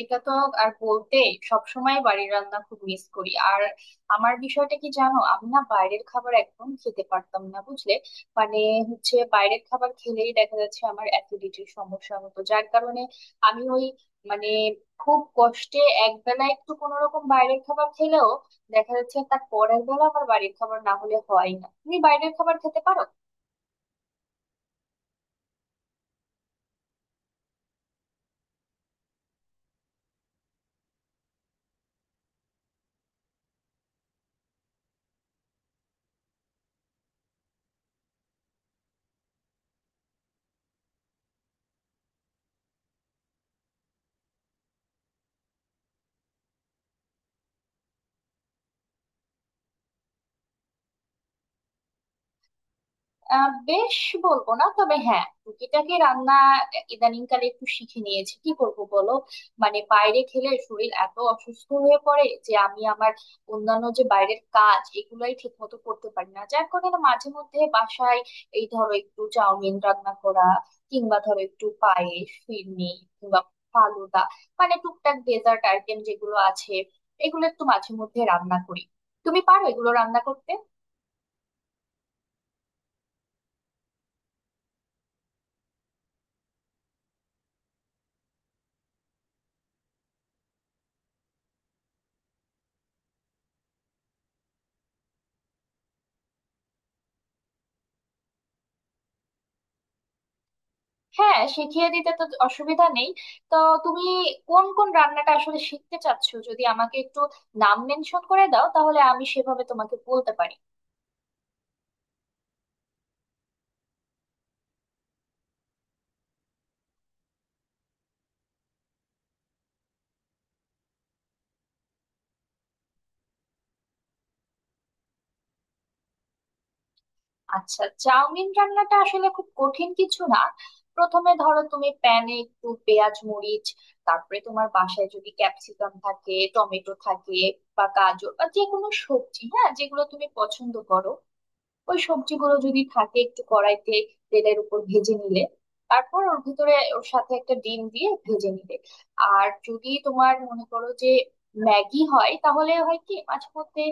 এটা তো আর বলতে সবসময় বাড়ির রান্না খুব মিস করি। আর আমার বিষয়টা কি জানো, আমি না বাইরের খাবার একদম খেতে পারতাম না, বুঝলে? মানে বাইরের খাবার খেলেই দেখা যাচ্ছে আমার অ্যাসিডিটির সমস্যা হতো, যার কারণে আমি ওই, মানে, খুব কষ্টে একবেলা একটু কোনো রকম বাইরের খাবার খেলেও দেখা যাচ্ছে তার পরের বেলা আমার বাড়ির খাবার না হলে হয় না। তুমি বাইরের খাবার খেতে পারো? বেশ বলবো না, তবে হ্যাঁ, টুকিটাকি রান্না ইদানিংকালে একটু শিখে নিয়েছি। কি করব বলো, মানে বাইরে খেলে শরীর এত অসুস্থ হয়ে পড়ে যে আমি আমার অন্যান্য যে বাইরের কাজ এগুলাই ঠিক মতো করতে পারি না, যার কারণে মাঝে মধ্যে বাসায় এই ধরো একটু চাউমিন রান্না করা, কিংবা ধরো একটু পায়েস ফিরনি, কিংবা ফালুদা, মানে টুকটাক ডেজার্ট আইটেম যেগুলো আছে এগুলো একটু মাঝে মধ্যে রান্না করি। তুমি পারো এগুলো রান্না করতে? হ্যাঁ, শিখিয়ে দিতে তো অসুবিধা নেই। তো তুমি কোন কোন রান্নাটা আসলে শিখতে চাচ্ছো, যদি আমাকে একটু নাম মেনশন করে দাও, তাহলে আমি সেভাবে তোমাকে বলতে পারি। আচ্ছা, চাউমিন রান্নাটা আসলে খুব কঠিন কিছু না। প্রথমে ধরো তুমি প্যানে একটু পেঁয়াজ মরিচ, তারপরে তোমার বাসায় যদি ক্যাপসিকাম থাকে, টমেটো থাকে, বা গাজর বা যে কোনো সবজি, হ্যাঁ, যেগুলো তুমি পছন্দ করো, ওই সবজিগুলো যদি থাকে একটু কড়াইতে তেলের উপর ভেজে নিলে, তারপর ওর সাথে একটা ডিম দিয়ে ভেজে নিলে, আর যদি তোমার মনে করো যে ম্যাগি হয়, তাহলে হয় কি মাঝে মধ্যে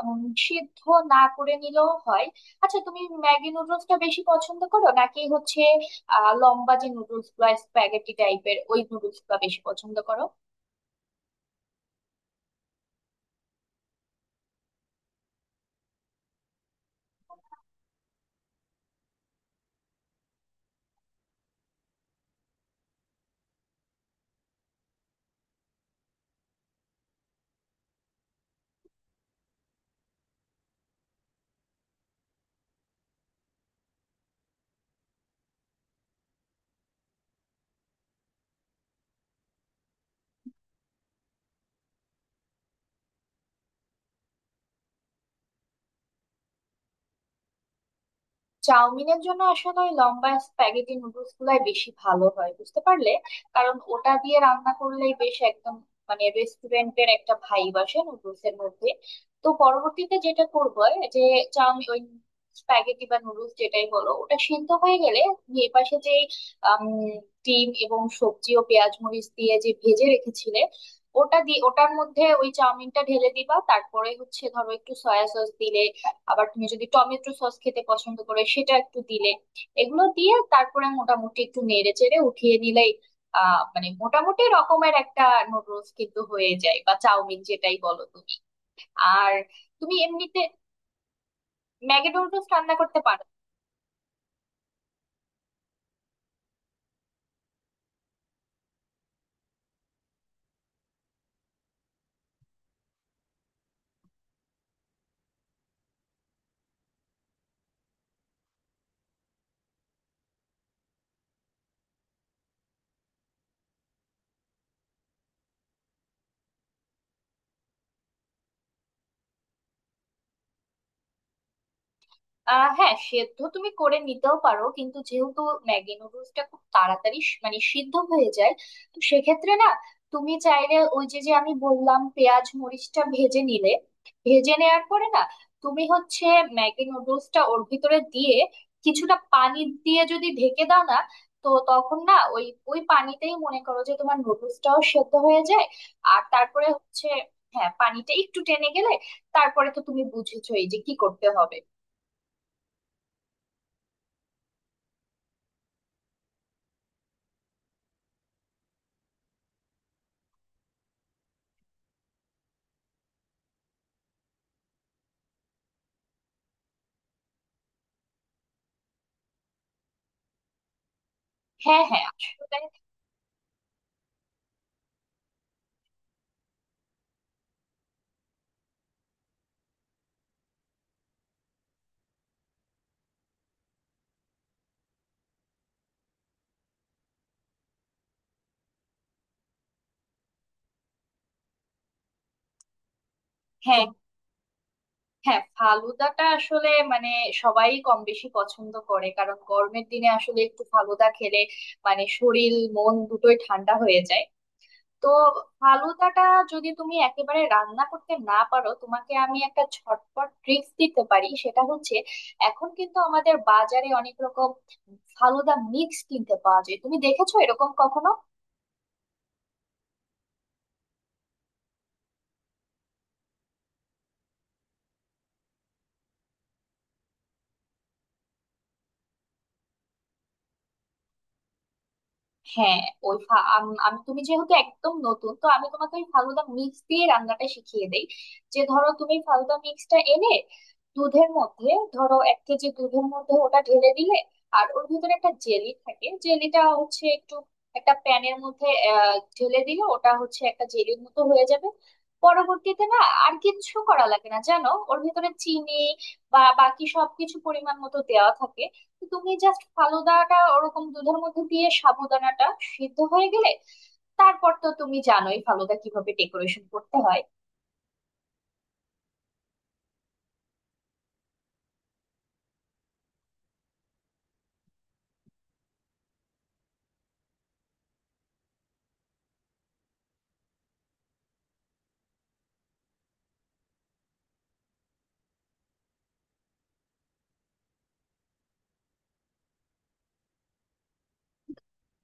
উম, সিদ্ধ না করে নিলেও হয়। আচ্ছা, তুমি ম্যাগি নুডলসটা বেশি পছন্দ করো, নাকি হচ্ছে লম্বা যে নুডলস বা স্প্যাগেটি টাইপের ওই নুডলস বেশি পছন্দ করো? চাউমিনের জন্য আসলে ওই লম্বা স্প্যাগেটি নুডলস গুলাই বেশি ভালো হয়, বুঝতে পারলে। কারণ ওটা দিয়ে রান্না করলেই বেশ একদম মানে রেস্টুরেন্টের একটা ভাইব আসে নুডলস এর মধ্যে। তো পরবর্তীতে যেটা করবো যে, চাউমিন ওই স্প্যাগেটি বা নুডলস যেটাই হলো, ওটা সিদ্ধ হয়ে গেলে এর পাশে যে আম, ডিম এবং সবজি ও পেঁয়াজ মরিচ দিয়ে যে ভেজে রেখেছিলে, ওটার মধ্যে ওই চাউমিনটা ঢেলে দিবা। তারপরে হচ্ছে ধরো একটু সয়া সস দিলে, আবার তুমি যদি টমেটো সস খেতে পছন্দ করো সেটা একটু দিলে, এগুলো দিয়ে তারপরে মোটামুটি একটু নেড়ে চেড়ে উঠিয়ে নিলেই আহ, মানে মোটামুটি রকমের একটা নুডলস কিন্তু হয়ে যায়, বা চাউমিন যেটাই বলো তুমি। আর তুমি এমনিতে ম্যাগি নুডলস রান্না করতে পারো? আহ, হ্যাঁ, সেদ্ধ তুমি করে নিতেও পারো, কিন্তু যেহেতু ম্যাগি নুডলসটা খুব তাড়াতাড়ি মানে সিদ্ধ হয়ে যায়, তো সেক্ষেত্রে না, তুমি চাইলে ওই যে যে আমি বললাম পেঁয়াজ মরিচটা ভেজে নিলে, ভেজে নেওয়ার পরে না তুমি হচ্ছে ম্যাগি নুডলসটা ওর ভিতরে দিয়ে কিছুটা পানি দিয়ে যদি ঢেকে দাও না, তো তখন না ওই ওই পানিতেই মনে করো যে তোমার নুডলসটাও সেদ্ধ হয়ে যায়। আর তারপরে হচ্ছে, হ্যাঁ, পানিটা একটু টেনে গেলে তারপরে তো তুমি বুঝেছোই যে কি করতে হবে। হ্যাঁ হ্যাঁ, আসলে। হ্যাঁ হ্যাঁ, ফালুদাটা আসলে মানে সবাই কম বেশি পছন্দ করে, কারণ গরমের দিনে আসলে একটু ফালুদা খেলে মানে শরীর মন দুটোই ঠান্ডা হয়ে যায়। তো ফালুদাটা যদি তুমি একেবারে রান্না করতে না পারো, তোমাকে আমি একটা ঝটপট ট্রিক্স দিতে পারি। সেটা হচ্ছে, এখন কিন্তু আমাদের বাজারে অনেক রকম ফালুদা মিক্স কিনতে পাওয়া যায়। তুমি দেখেছো এরকম কখনো? হ্যাঁ, ওই আমি, তুমি যেহেতু একদম নতুন, তো আমি তোমাকে ওই ফালুদা মিক্স দিয়ে রান্নাটা শিখিয়ে দেই। যে ধরো তুমি ফালুদা মিক্সটা এনে দুধের মধ্যে, ধরো 1 কেজি দুধের মধ্যে ওটা ঢেলে দিলে, আর ওর ভিতরে একটা জেলি থাকে, জেলিটা হচ্ছে একটু একটা প্যানের মধ্যে ঢেলে দিলে ওটা হচ্ছে একটা জেলির মতো হয়ে যাবে। পরবর্তীতে না আর কিচ্ছু করা লাগে না, জানো। ওর ভিতরে চিনি বা বাকি সবকিছু পরিমাণ মতো দেওয়া থাকে। তুমি জাস্ট ফালুদাটা ওরকম দুধের মধ্যে দিয়ে সাবুদানাটা সিদ্ধ হয়ে গেলে তারপর তো তুমি জানোই ফালুদা কিভাবে ডেকোরেশন করতে হয়।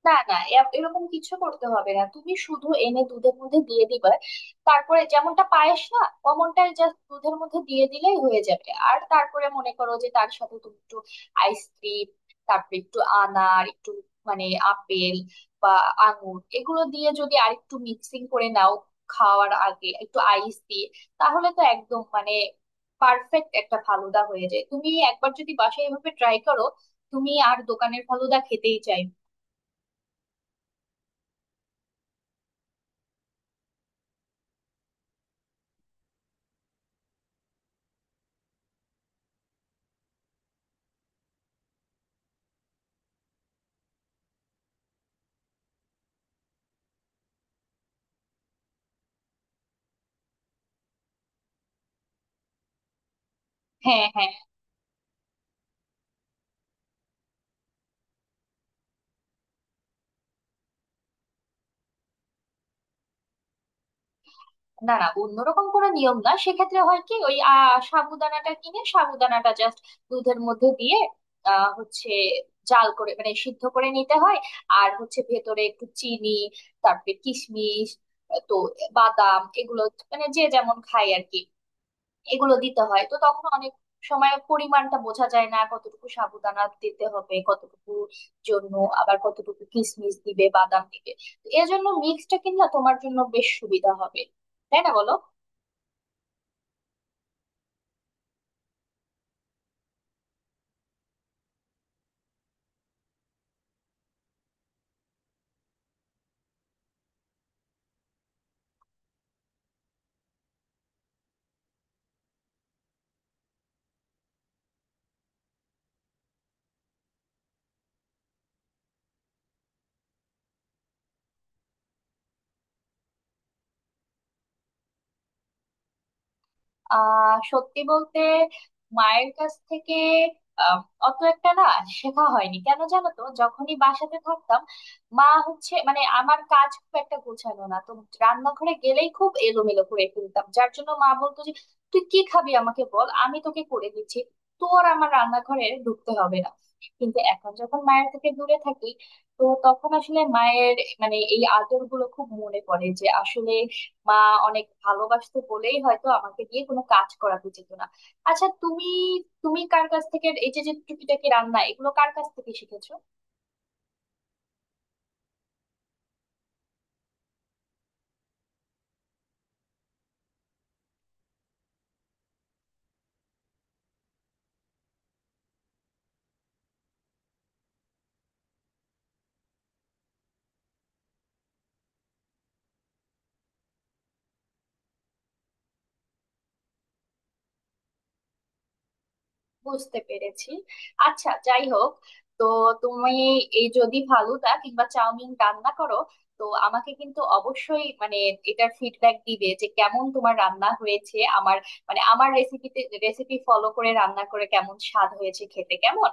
না না, এরকম কিছু করতে হবে না, তুমি শুধু এনে দুধের মধ্যে দিয়ে দিবা। তারপরে যেমনটা পায়েস না, অমনটাই জাস্ট দুধের মধ্যে দিয়ে দিলেই হয়ে যাবে। আর তারপরে মনে করো যে তার সাথে তুমি একটু আইসক্রিম, তারপরে একটু আনার, একটু মানে আপেল বা আঙুর, এগুলো দিয়ে যদি আর একটু মিক্সিং করে নাও, খাওয়ার আগে একটু আইস দিয়ে, তাহলে তো একদম মানে পারফেক্ট একটা ফালুদা হয়ে যায়। তুমি একবার যদি বাসায় এভাবে ট্রাই করো, তুমি আর দোকানের ফালুদা খেতেই চাই। হ্যাঁ হ্যাঁ। না না, অন্যরকম কোনো নিয়ম না। সেক্ষেত্রে হয় কি, ওই আহ, সাবুদানাটা কিনে সাবুদানাটা জাস্ট দুধের মধ্যে দিয়ে আহ, হচ্ছে জাল করে মানে সিদ্ধ করে নিতে হয়। আর হচ্ছে ভেতরে একটু চিনি, তারপরে কিশমিশ, তো বাদাম, এগুলো মানে যে যেমন খায় আর কি, এগুলো দিতে হয়। তো তখন অনেক সময় পরিমাণটা বোঝা যায় না, কতটুকু সাবুদানা দিতে হবে, কতটুকু জন্য, আবার কতটুকু কিশমিশ দিবে, বাদাম দিবে। তো এজন্য মিক্সটা কিনলে তোমার জন্য বেশ সুবিধা হবে, তাই না বলো? আহ, সত্যি বলতে মায়ের কাছ থেকে আহ, অত একটা না শেখা হয়নি। কেন জানো? তো যখনই বাসাতে থাকতাম, মা হচ্ছে মানে, আমার কাজ খুব একটা গোছানো না তো, রান্নাঘরে গেলেই খুব এলোমেলো করে ফেলতাম, যার জন্য মা বলতো যে, তুই কি খাবি আমাকে বল, আমি তোকে করে দিচ্ছি, তোর আমার রান্নাঘরে ঢুকতে হবে না। কিন্তু এখন যখন মায়ের থেকে দূরে থাকি, তো তখন আসলে মায়ের মানে এই আদর গুলো খুব মনে পড়ে, যে আসলে মা অনেক ভালোবাসতো বলেই হয়তো আমাকে দিয়ে কোনো কাজ করাতে যেত না। আচ্ছা তুমি, তুমি কার কাছ থেকে এই যে যে টুকিটাকি রান্না, এগুলো কার কাছ থেকে শিখেছো? বুঝতে পেরেছি। আচ্ছা, যাই হোক, তো তুমি এই যদি ফালুদা কিংবা চাউমিন রান্না করো, তো আমাকে কিন্তু অবশ্যই মানে এটার ফিডব্যাক দিবে, যে কেমন তোমার রান্না হয়েছে, আমার মানে আমার রেসিপিতে, রেসিপি ফলো করে রান্না করে কেমন স্বাদ হয়েছে, খেতে কেমন।